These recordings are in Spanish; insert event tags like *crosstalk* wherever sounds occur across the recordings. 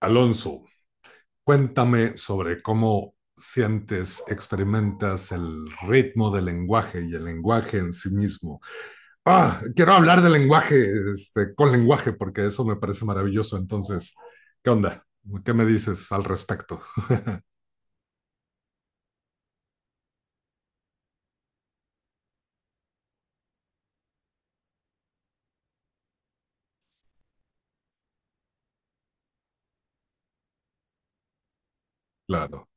Alonso, cuéntame sobre cómo sientes, experimentas el ritmo del lenguaje y el lenguaje en sí mismo. Quiero hablar del lenguaje, con lenguaje, porque eso me parece maravilloso. Entonces, ¿qué onda? ¿Qué me dices al respecto? Claro,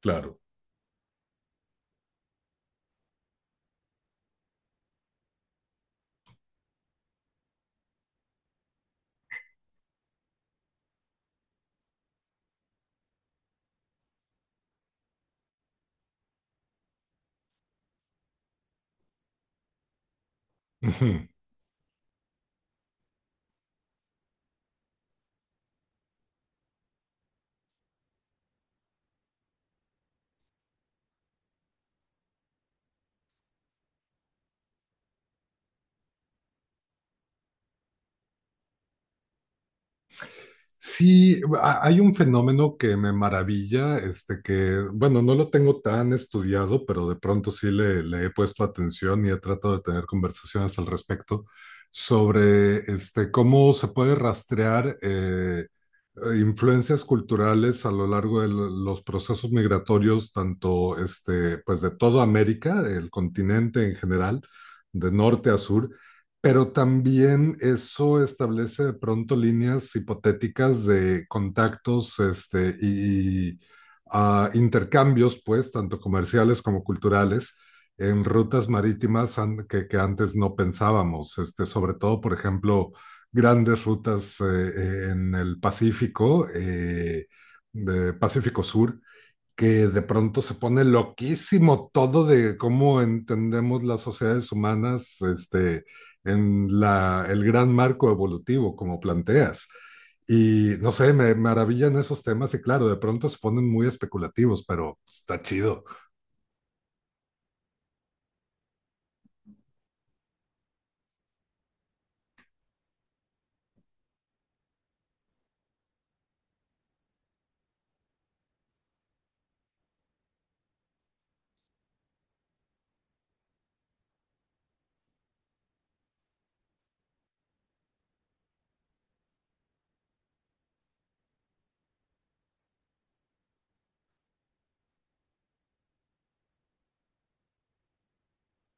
claro. Sí, hay un fenómeno que me maravilla, que, bueno, no lo tengo tan estudiado, pero de pronto sí le he puesto atención y he tratado de tener conversaciones al respecto sobre cómo se puede rastrear influencias culturales a lo largo de los procesos migratorios, tanto pues de toda América, el continente en general, de norte a sur. Pero también eso establece de pronto líneas hipotéticas de contactos, intercambios, pues, tanto comerciales como culturales en rutas marítimas que antes no pensábamos, sobre todo, por ejemplo, grandes rutas en el Pacífico, de Pacífico Sur, que de pronto se pone loquísimo todo de cómo entendemos las sociedades humanas en el gran marco evolutivo, como planteas. Y no sé, me maravillan esos temas y, claro, de pronto se ponen muy especulativos, pero está chido.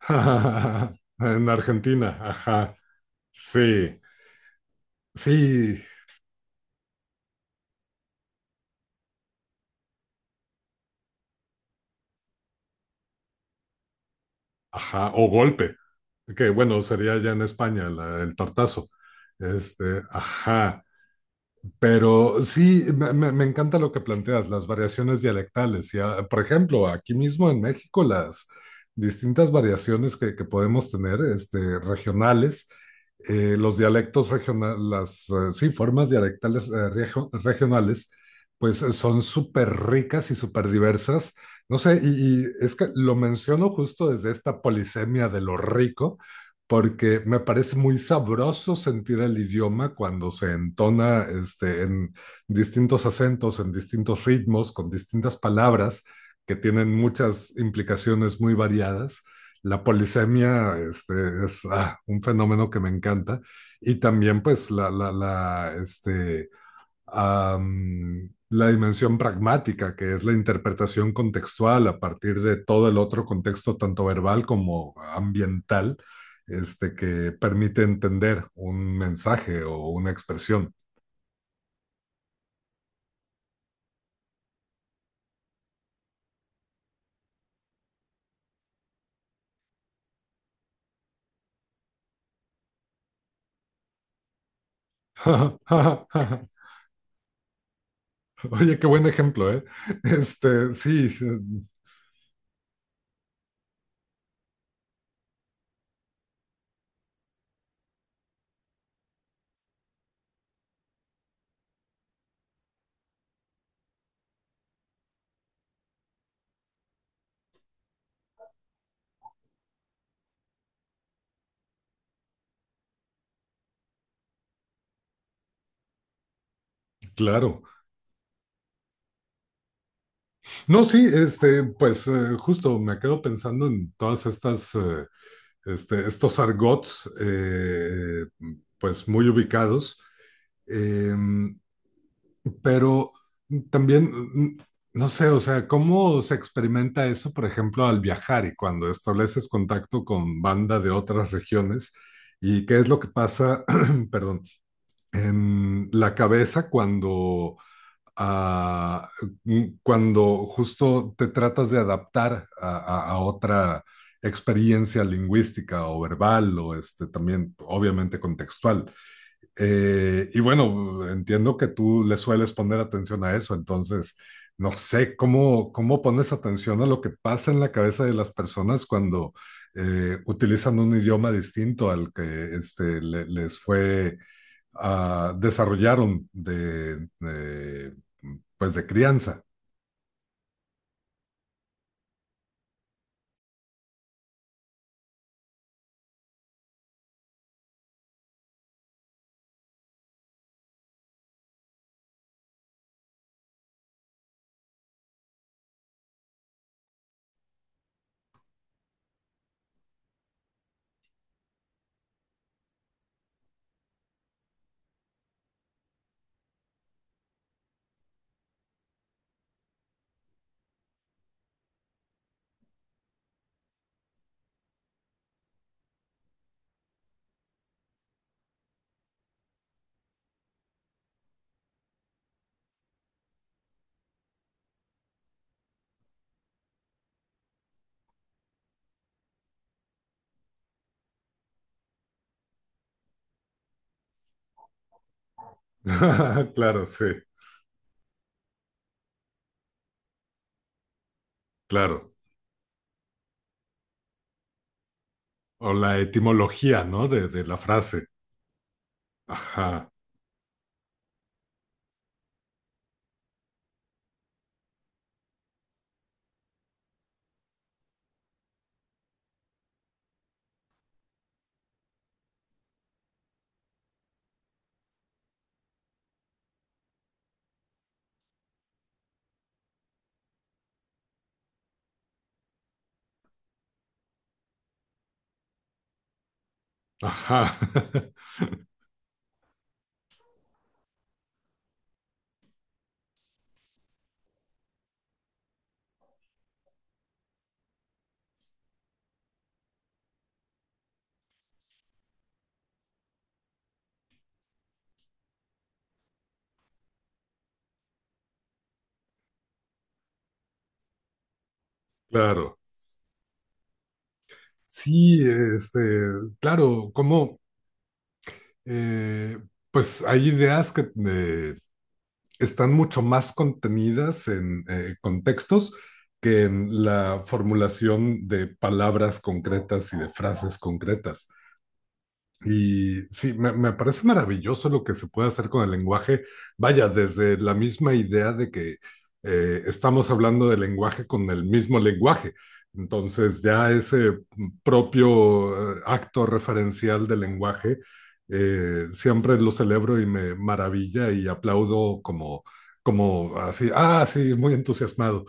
*laughs* En Argentina, ajá, sí, sí, ajá, o golpe. Que bueno, sería ya en España el tartazo. Ajá. Pero sí, me encanta lo que planteas, las variaciones dialectales. Y, por ejemplo, aquí mismo en México, las distintas variaciones que podemos tener, regionales, los dialectos regionales, las, sí, formas dialectales regionales, pues son súper ricas y súper diversas. No sé, y es que lo menciono justo desde esta polisemia de lo rico, porque me parece muy sabroso sentir el idioma cuando se entona, en distintos acentos, en distintos ritmos, con distintas palabras que tienen muchas implicaciones muy variadas. La polisemia es, un fenómeno que me encanta. Y también pues am, la dimensión pragmática, que es la interpretación contextual a partir de todo el otro contexto, tanto verbal como ambiental, que permite entender un mensaje o una expresión. *laughs* Oye, qué buen ejemplo, ¿eh? Sí, sí, claro. No, sí, pues justo me quedo pensando en todas estos argots, pues muy ubicados. Em, Pero también, no sé, o sea, ¿cómo se experimenta eso, por ejemplo, al viajar y cuando estableces contacto con banda de otras regiones? ¿Y qué es lo que pasa, *clears throat* perdón, en la cabeza cuando, ah, cuando justo te tratas de adaptar a, a otra experiencia lingüística o verbal, o también, obviamente, contextual? Y bueno, entiendo que tú le sueles poner atención a eso, entonces no sé cómo, pones atención a lo que pasa en la cabeza de las personas cuando utilizan un idioma distinto al que, desarrollaron de, pues, de crianza. *laughs* Claro, sí, claro. O la etimología, ¿no? De la frase. Ajá, ajá, *laughs* claro. Sí, este, claro, como eh, pues hay ideas que están mucho más contenidas en contextos que en la formulación de palabras concretas y de frases concretas. Y sí, me parece maravilloso lo que se puede hacer con el lenguaje. Vaya, desde la misma idea de que, estamos hablando de lenguaje con el mismo lenguaje. Entonces, ya ese propio, acto referencial del lenguaje, siempre lo celebro y me maravilla y aplaudo como, así, sí, muy entusiasmado.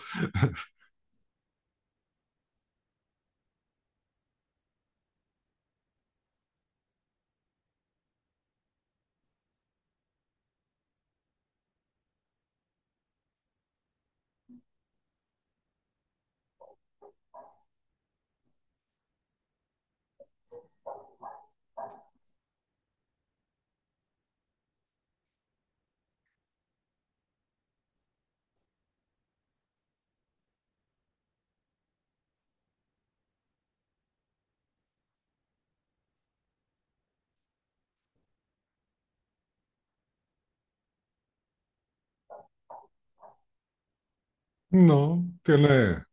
No, tiene,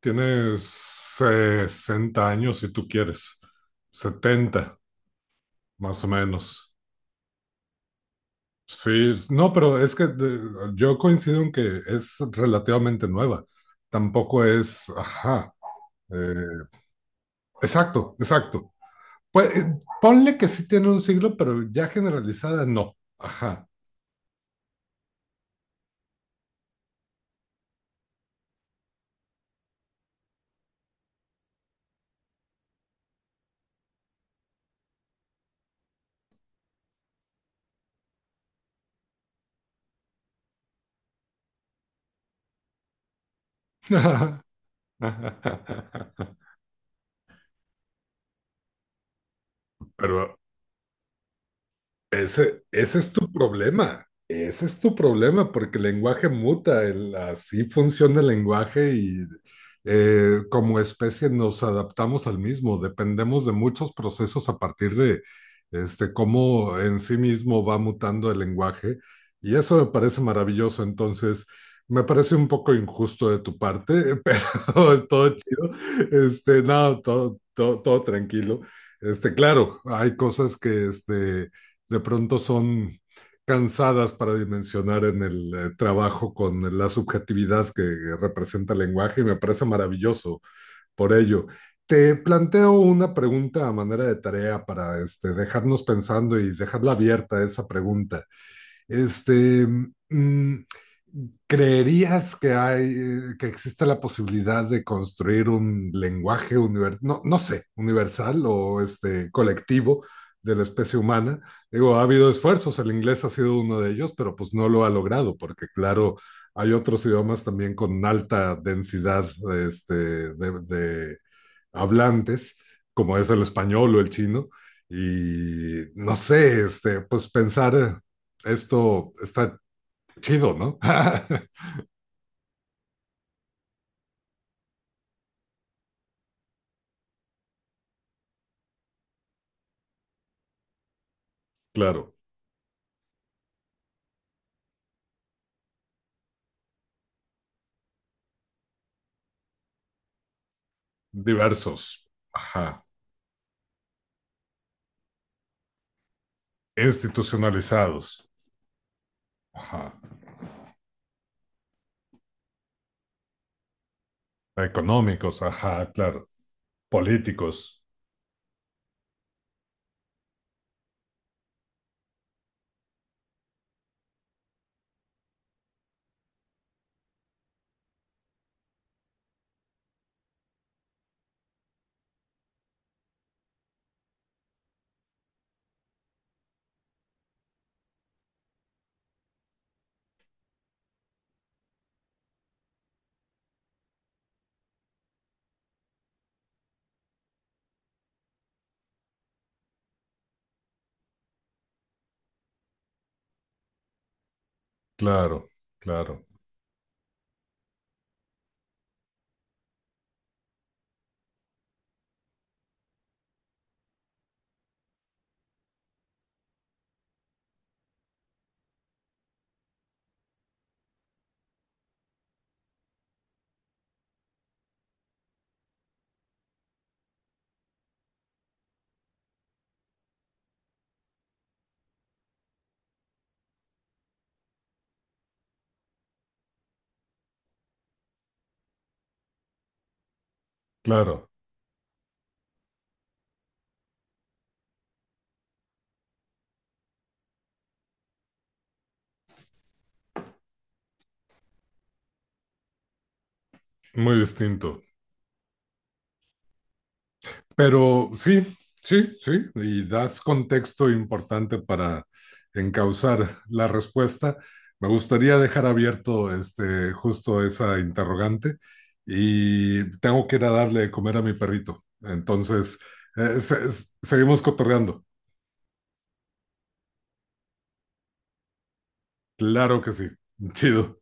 tiene 60 años, si tú quieres, 70. Más o menos. Sí, no, pero es que yo coincido en que es relativamente nueva. Tampoco es, ajá, eh, exacto, exacto. Pues ponle que sí tiene un siglo, pero ya generalizada no. Ajá. *laughs* Pero ese es tu problema, ese es tu problema, porque el lenguaje muta, así funciona el lenguaje. Y como especie nos adaptamos al mismo, dependemos de muchos procesos a partir de, cómo en sí mismo va mutando el lenguaje, y eso me parece maravilloso. Entonces me parece un poco injusto de tu parte, *laughs* pero todo chido, no, todo, todo, todo tranquilo. Claro, hay cosas que, de pronto son cansadas para dimensionar en el, trabajo con la subjetividad que representa el lenguaje, y me parece maravilloso por ello. Te planteo una pregunta a manera de tarea, para dejarnos pensando y dejarla abierta esa pregunta. Este, mm, ¿Creerías que, que existe la posibilidad de construir un lenguaje universal, no, no sé, universal o colectivo de la especie humana? Digo, ha habido esfuerzos, el inglés ha sido uno de ellos, pero pues no lo ha logrado, porque claro, hay otros idiomas también con alta densidad, de hablantes, como es el español o el chino. Y no sé, pues pensar, esto está chido, ¿no? *laughs* Claro, diversos, ajá, institucionalizados, ajá, económicos, ajá, claro, políticos, claro, claro, claro, muy distinto. Pero sí, sí, sí, y das contexto importante para encauzar la respuesta. Me gustaría dejar abierto, justo, esa interrogante, y tengo que ir a darle de comer a mi perrito. Entonces, seguimos cotorreando. Claro que sí. Chido.